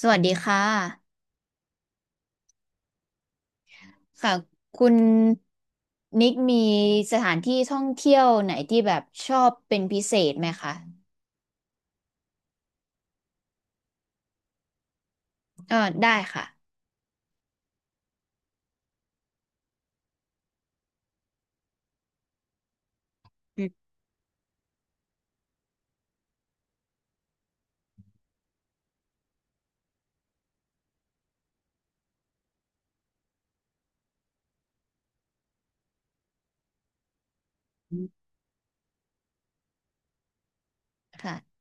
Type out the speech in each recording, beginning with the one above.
สวัสดีค่ะค่ะคุณนิกมีสถานที่ท่องเที่ยวไหนที่แบบชอบเป็นพิเศษไหมคะเออได้ค่ะอืมค่ะ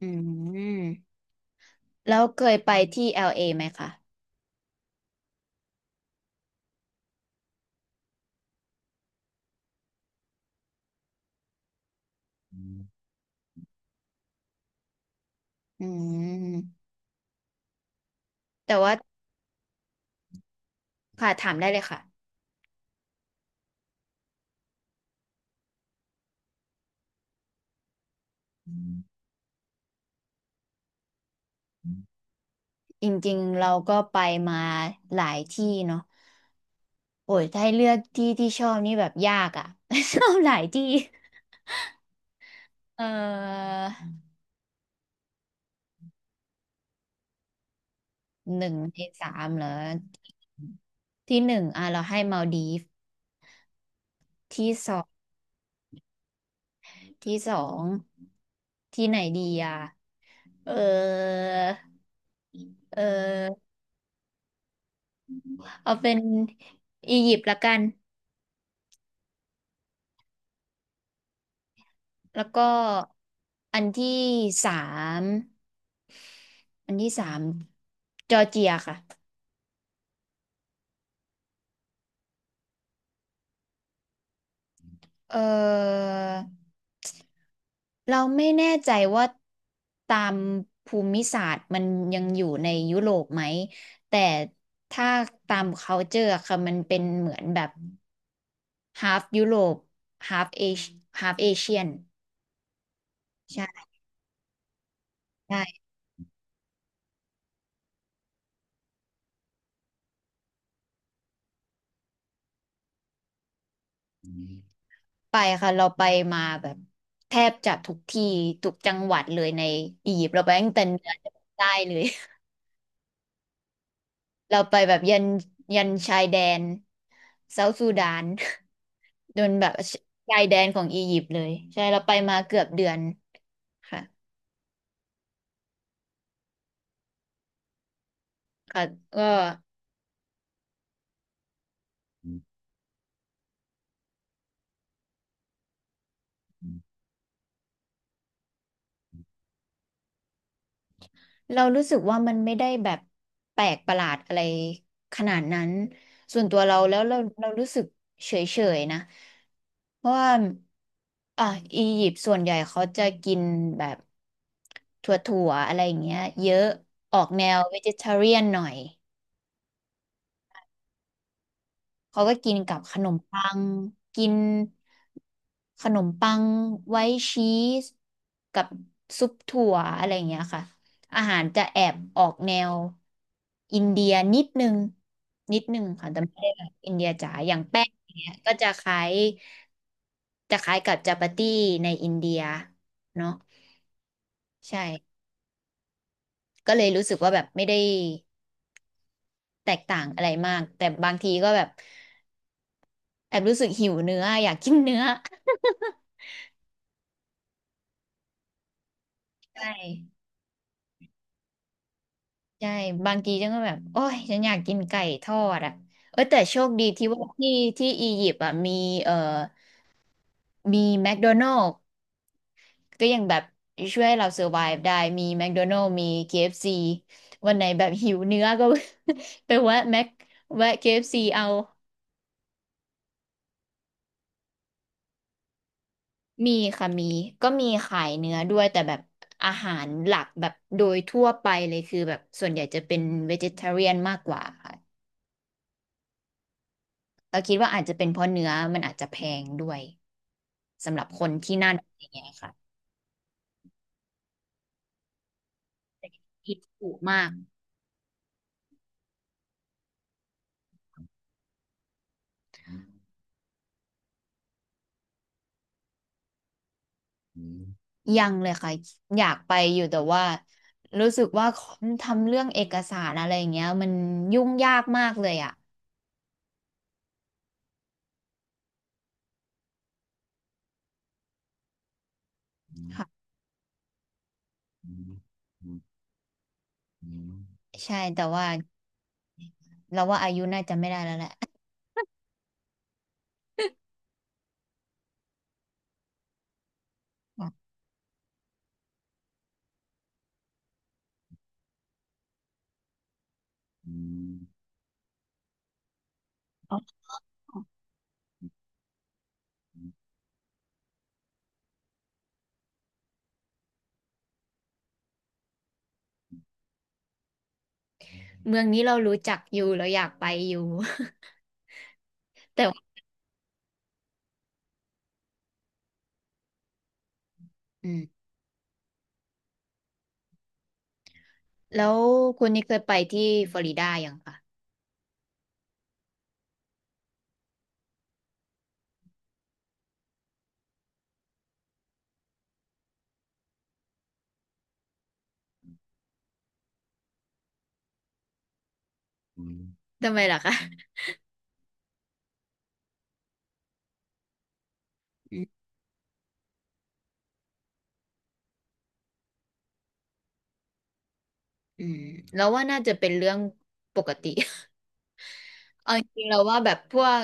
อืมแล้วเคยไปที่ LA ไหมคะอืมแต่ว่าค่ะถามได้เลยค่ะจริงๆเราก็ไปมาหลายที่เนาะโอ้ยถ้าให้เลือกที่ที่ชอบนี่แบบยากอ่ะ ชอบหลายที่เออ หนึ่งในสามเหรอที่หนึ่งอ่ะเราให้มัลดีฟที่สองที่สองที่ไหนดีอ่ะเออเออเอาเป็นอียิปต์ละกันแล้วก็อันที่สามอันที่สามจอร์เจียค่ะ เออเราไม่แน่ใจว่าตามภูมิศาสตร์มันยังอยู่ในยุโรปไหมแต่ถ้าตาม culture อะค่ะมันเป็นเหมือนแบบ half ยุโรป half Asia half Asian ใช่ใช่ไปค่ะเราไปมาแบบแทบจะทุกที่ทุกจังหวัดเลยในอียิปต์เราไปตั้งแต่เหนือจนใต้เลย เราไปแบบยันชายแดนเซาท์ซูดาน โดนแบบชายแดนของอียิปต์เลยใช่เราไปมาเกือบเดือนค่ะค่ะก็เรารู้สึกว่ามันไม่ได้แบบแปลกประหลาดอะไรขนาดนั้นส่วนตัวเราแล้วเรารู้สึกเฉยๆนะเพราะว่าอ่ะอียิปต์ส่วนใหญ่เขาจะกินแบบถั่วๆอะไรอย่างเงี้ยเยอะออกแนว vegetarian หน่อย เขาก็กินกับขนมปังกินขนมปังไว้ชีสกับซุปถั่วอะไรอย่างเงี้ยค่ะอาหารจะแอบออกแนวอินเดียนิดนึงค่ะแต่ไม่ได้แบบอินเดียจ๋าอย่างแป้งอย่างเงี้ยก็จะคล้ายจะคล้ายกับจาปาตี้ในอินเดียเนาะใช่ก็เลยรู้สึกว่าแบบไม่ได้แตกต่างอะไรมากแต่บางทีก็แบบแอบรู้สึกหิวเนื้ออยากกินเนื้อ ใช่ใช่บางทีฉันก็แบบโอ้ยฉันอยากกินไก่ทอดอ่ะเออแต่โชคดีที่ว่าที่ที่อียิปต์อ่ะมีเอ่อมีแมคโดนัล s ก็ยังแบบช่วยให้เราเซอร์ไ v e ได้มีแมคโดนัล s มี KFC วันไหนแบบหิวเนื้อก็ ไปแวะแมคแวะ KFC เอฟซีเอามีค่ะมีก็มีขายเนื้อด้วยแต่แบบอาหารหลักแบบโดยทั่วไปเลยคือแบบส่วนใหญ่จะเป็น vegetarian มากกว่าค่ะ เราคิดว่าอาจจะเป็นเพราะเนื้อมันอาจจะแพงด้วยสำหรับคนที่นั่นอย่างเงี้ยค่ะคิดถูกมากยังเลยค่ะอยากไปอยู่แต่ว่ารู้สึกว่าทำเรื่องเอกสารอะไรอย่างเงี้ยมันยุ่งยากมากเลยอ่ะอค่ะใช่แต่ว่าเราว่าอายุน่าจะไม่ได้แล้วแหละ เมืองนี้เรารู้จักอยู่เราอยากไปอยู่ แต่ว่าอืมแล้วคุณนี่เคยไปที่ฟลอริดายังคะทำไมล่ะคะอืมอืมแล้วว่าน่าจะเป็นเรื่องปกติ เอาจริงๆเราว่าแบบพวก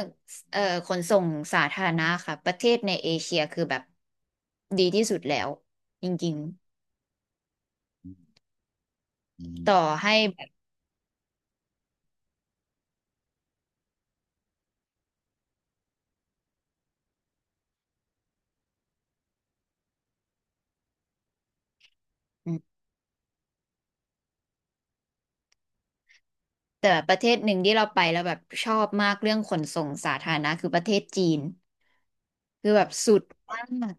เอ่อขนส่งสาธารณะค่ะประเทศในเอเชียคือแบบดีที่สุดแล้วจริงๆต่อให้แบบอืมแต่ประเทศหนึ่งที่เราไปแล้วแบบชอบมากเรื่องขนส่งสาธารณะคือประเทศจีนคือแบบสุดมาก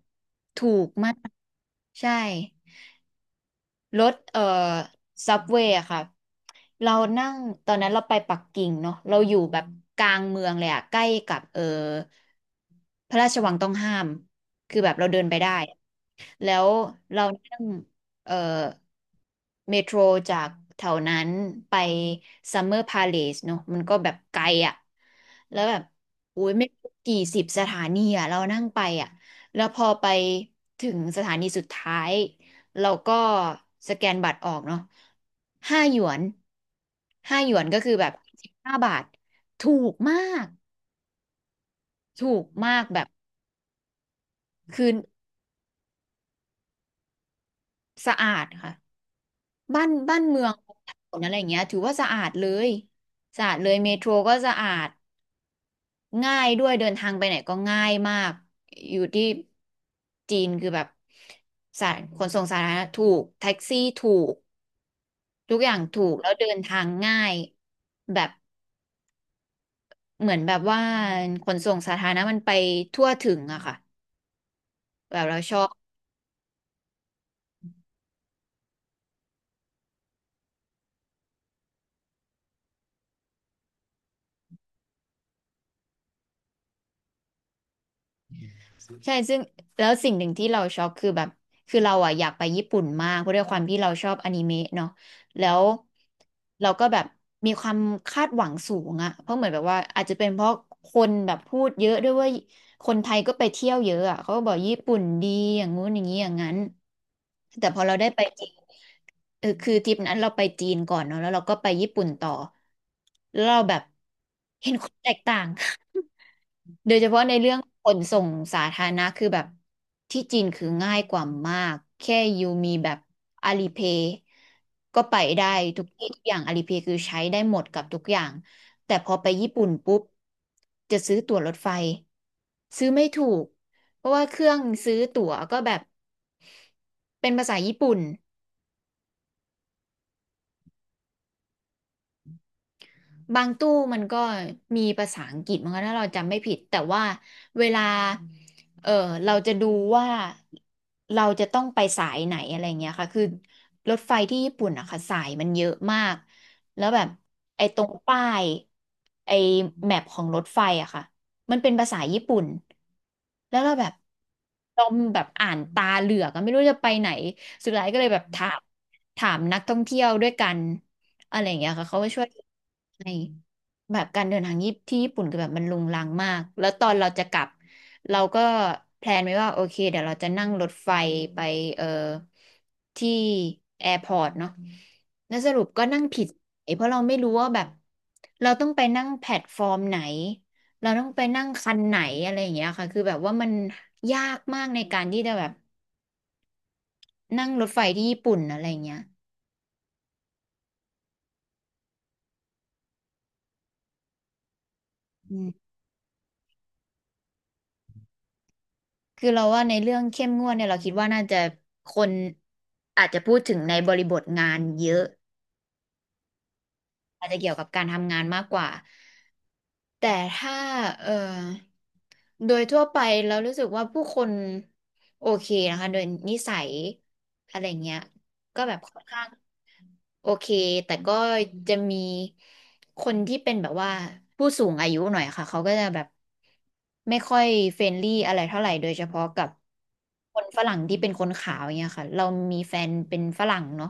ถูกมากใช่ รถซับเวย์อะค่ะเรานั่งตอนนั้นเราไปปักกิ่งเนาะเราอยู่แบบกลางเมืองเลยอะใกล้กับพระราชวังต้องห้ามคือแบบเราเดินไปได้ แล้วเรานั่งเอ่อเมโทรจากแถวนั้นไปซัมเมอร์พาเลสเนอะมันก็แบบไกลอ่ะแล้วแบบอุ้ยไม่รู้กี่สิบสถานีอ่ะเรานั่งไปอ่ะแล้วพอไปถึงสถานีสุดท้ายเราก็สแกนบัตรออกเนาะห้าหยวนห้าหยวนก็คือแบบ15 บาทถูกมากแบบคือสะอาดค่ะ บ้านเมืองถนนอะไรอย่างเงี้ยถือว่าสะอาดเลยสะอาดเลยเมโทรก็สะอาดง่ายด้วยเดินทางไปไหนก็ง่ายมากอยู่ที่จีนคือแบบสาขนส่งสาธารณะถูกแท็กซี่ถูกทุกอย่างถูกแล้วเดินทางง่ายแบบเหมือนแบบว่าขนส่งสาธารณะมันไปทั่วถึงอะค่ะแบบเราชอบ ใช่ซึ่งแล้วสิ่งหนึ่งที่เราช็อกคือแบบคือเราอ่ะอยากไปญี่ปุ่นมากเพราะด้วยความที่เราชอบอนิเมะเนาะแล้วเราก็แบบมีความคาดหวังสูงอะเพราะเหมือนแบบว่าอาจจะเป็นเพราะคนแบบพูดเยอะด้วยว่าคนไทยก็ไปเที่ยวเยอะอะเขาก็บอกญี่ปุ่นดีอย่างงู้นอย่างนี้อย่างนั้นแต่พอเราได้ไปจริงเออคือทริปนั้นเราไปจีนก่อนเนาะแล้วเราก็ไปญี่ปุ่นต่อแล้วเราแบบเห็นความแตกต่าง โดยเฉพาะในเรื่องขนส่งสาธารณะคือแบบที่จีนคือง่ายกว่ามากแค่ยูมีแบบอาลีเพย์ก็ไปได้ทุกที่ทุกอย่างอาลีเพย์คือใช้ได้หมดกับทุกอย่างแต่พอไปญี่ปุ่นปุ๊บจะซื้อตั๋วรถไฟซื้อไม่ถูกเพราะว่าเครื่องซื้อตั๋วก็แบบเป็นภาษาญี่ปุ่น บางตู้มันก็มีภาษาอังกฤษมั้งคะถ้าเราจำไม่ผิดแต่ว่าเวลาเออเราจะดูว่าเราจะต้องไปสายไหนอะไรเงี้ยค่ะคือรถไฟที่ญี่ปุ่นอะค่ะสายมันเยอะมากแล้วแบบไอ้ตรงป้ายไอ้แมปของรถไฟอะค่ะมันเป็นภาษาญี่ปุ่นแล้วเราแบบเราอ่านตาเหลือกอะไม่รู้จะไปไหนสุดท้ายก็เลยแบบถามนักท่องเที่ยวด้วยกัน อะไรอย่างเงี้ยค่ะเขาก็ช่วยในแบบการเดินทางญี่ปุ่นที่ญี่ปุ่นคือแบบมันรุงรังมากแล้วตอนเราจะกลับเราก็แพลนไว้ว่าโอเคเดี๋ยวเราจะนั่งรถไฟไปเอ่อที่แอร์พอร์ตเนาะแล้วสรุปก็นั่งผิดสายเพราะเราไม่รู้ว่าแบบเราต้องไปนั่งแพลตฟอร์มไหนเราต้องไปนั่งคันไหนอะไรอย่างเงี้ยค่ะคือแบบว่ามันยากมากในการที่จะแบบนั่งรถไฟที่ญี่ปุ่นอะไรอย่างเงี้ย คือเราว่าในเรื่องเข้มงวดเนี่ยเราคิดว่าน่าจะคนอาจจะพูดถึงในบริบทงานเยอะอาจจะเกี่ยวกับการทำงานมากกว่าแต่ถ้าเอ่อโดยทั่วไปเรารู้สึกว่าผู้คนโอเคนะคะโดยนิสัยอะไรเงี้ยก็แบบค่อนข้าง โอเค แต่ก็จะมีคนที่เป็นแบบว่าผู้สูงอายุหน่อยค่ะเขาก็จะแบบไม่ค่อยเฟรนลี่อะไรเท่าไหร่โดยเฉพาะกับคนฝรั่งที่เป็นคนขาวอย่างเงี้ยค่ะเรามีแฟนเป็นฝรั่งเนาะ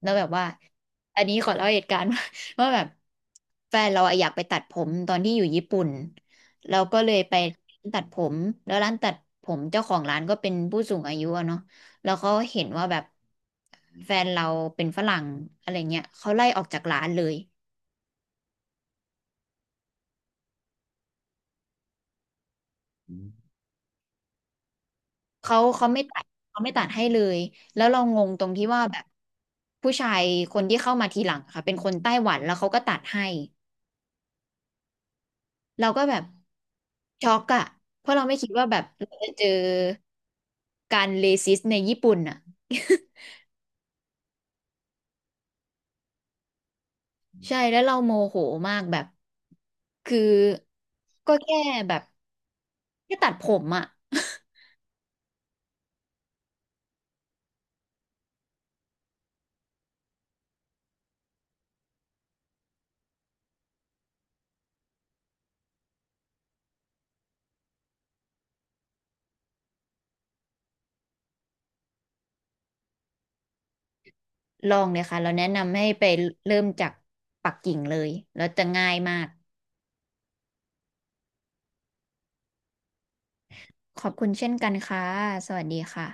แล้วแบบว่าอันนี้ขอเล่าเหตุการณ์ ว่าแบบแฟนเราอะอยากไปตัดผมตอนที่อยู่ญี่ปุ่นเราก็เลยไปตัดผมแล้วร้านตัดผมเจ้าของร้านก็เป็นผู้สูงอายุอะเนาะ แล้วเขาเห็นว่าแบบแฟนเราเป็นฝรั่งอะไรเงี้ยเขาไล่ออกจากร้านเลยเขาไม่ตัดเขาไม่ตัดให้เลยแล้วเรางงตรงที่ว่าแบบผู้ชายคนที่เข้ามาทีหลังค่ะเป็นคนไต้หวันแล้วเขาก็ตัดให้เราก็แบบช็อกอะเพราะเราไม่คิดว่าแบบเราจะเจอการเลซิสในญี่ปุ่นอะ ใช่แล้วเราโมโหมากแบบคือก็แค่แบบแค่ตัดผมอะ ลองเลยค่ะเราแนะนำให้ไปเริ่มจากปักกิ่งเลยแล้วจะง่ายมากขอบคุณเช่นกันค่ะสวัสดีค่ะ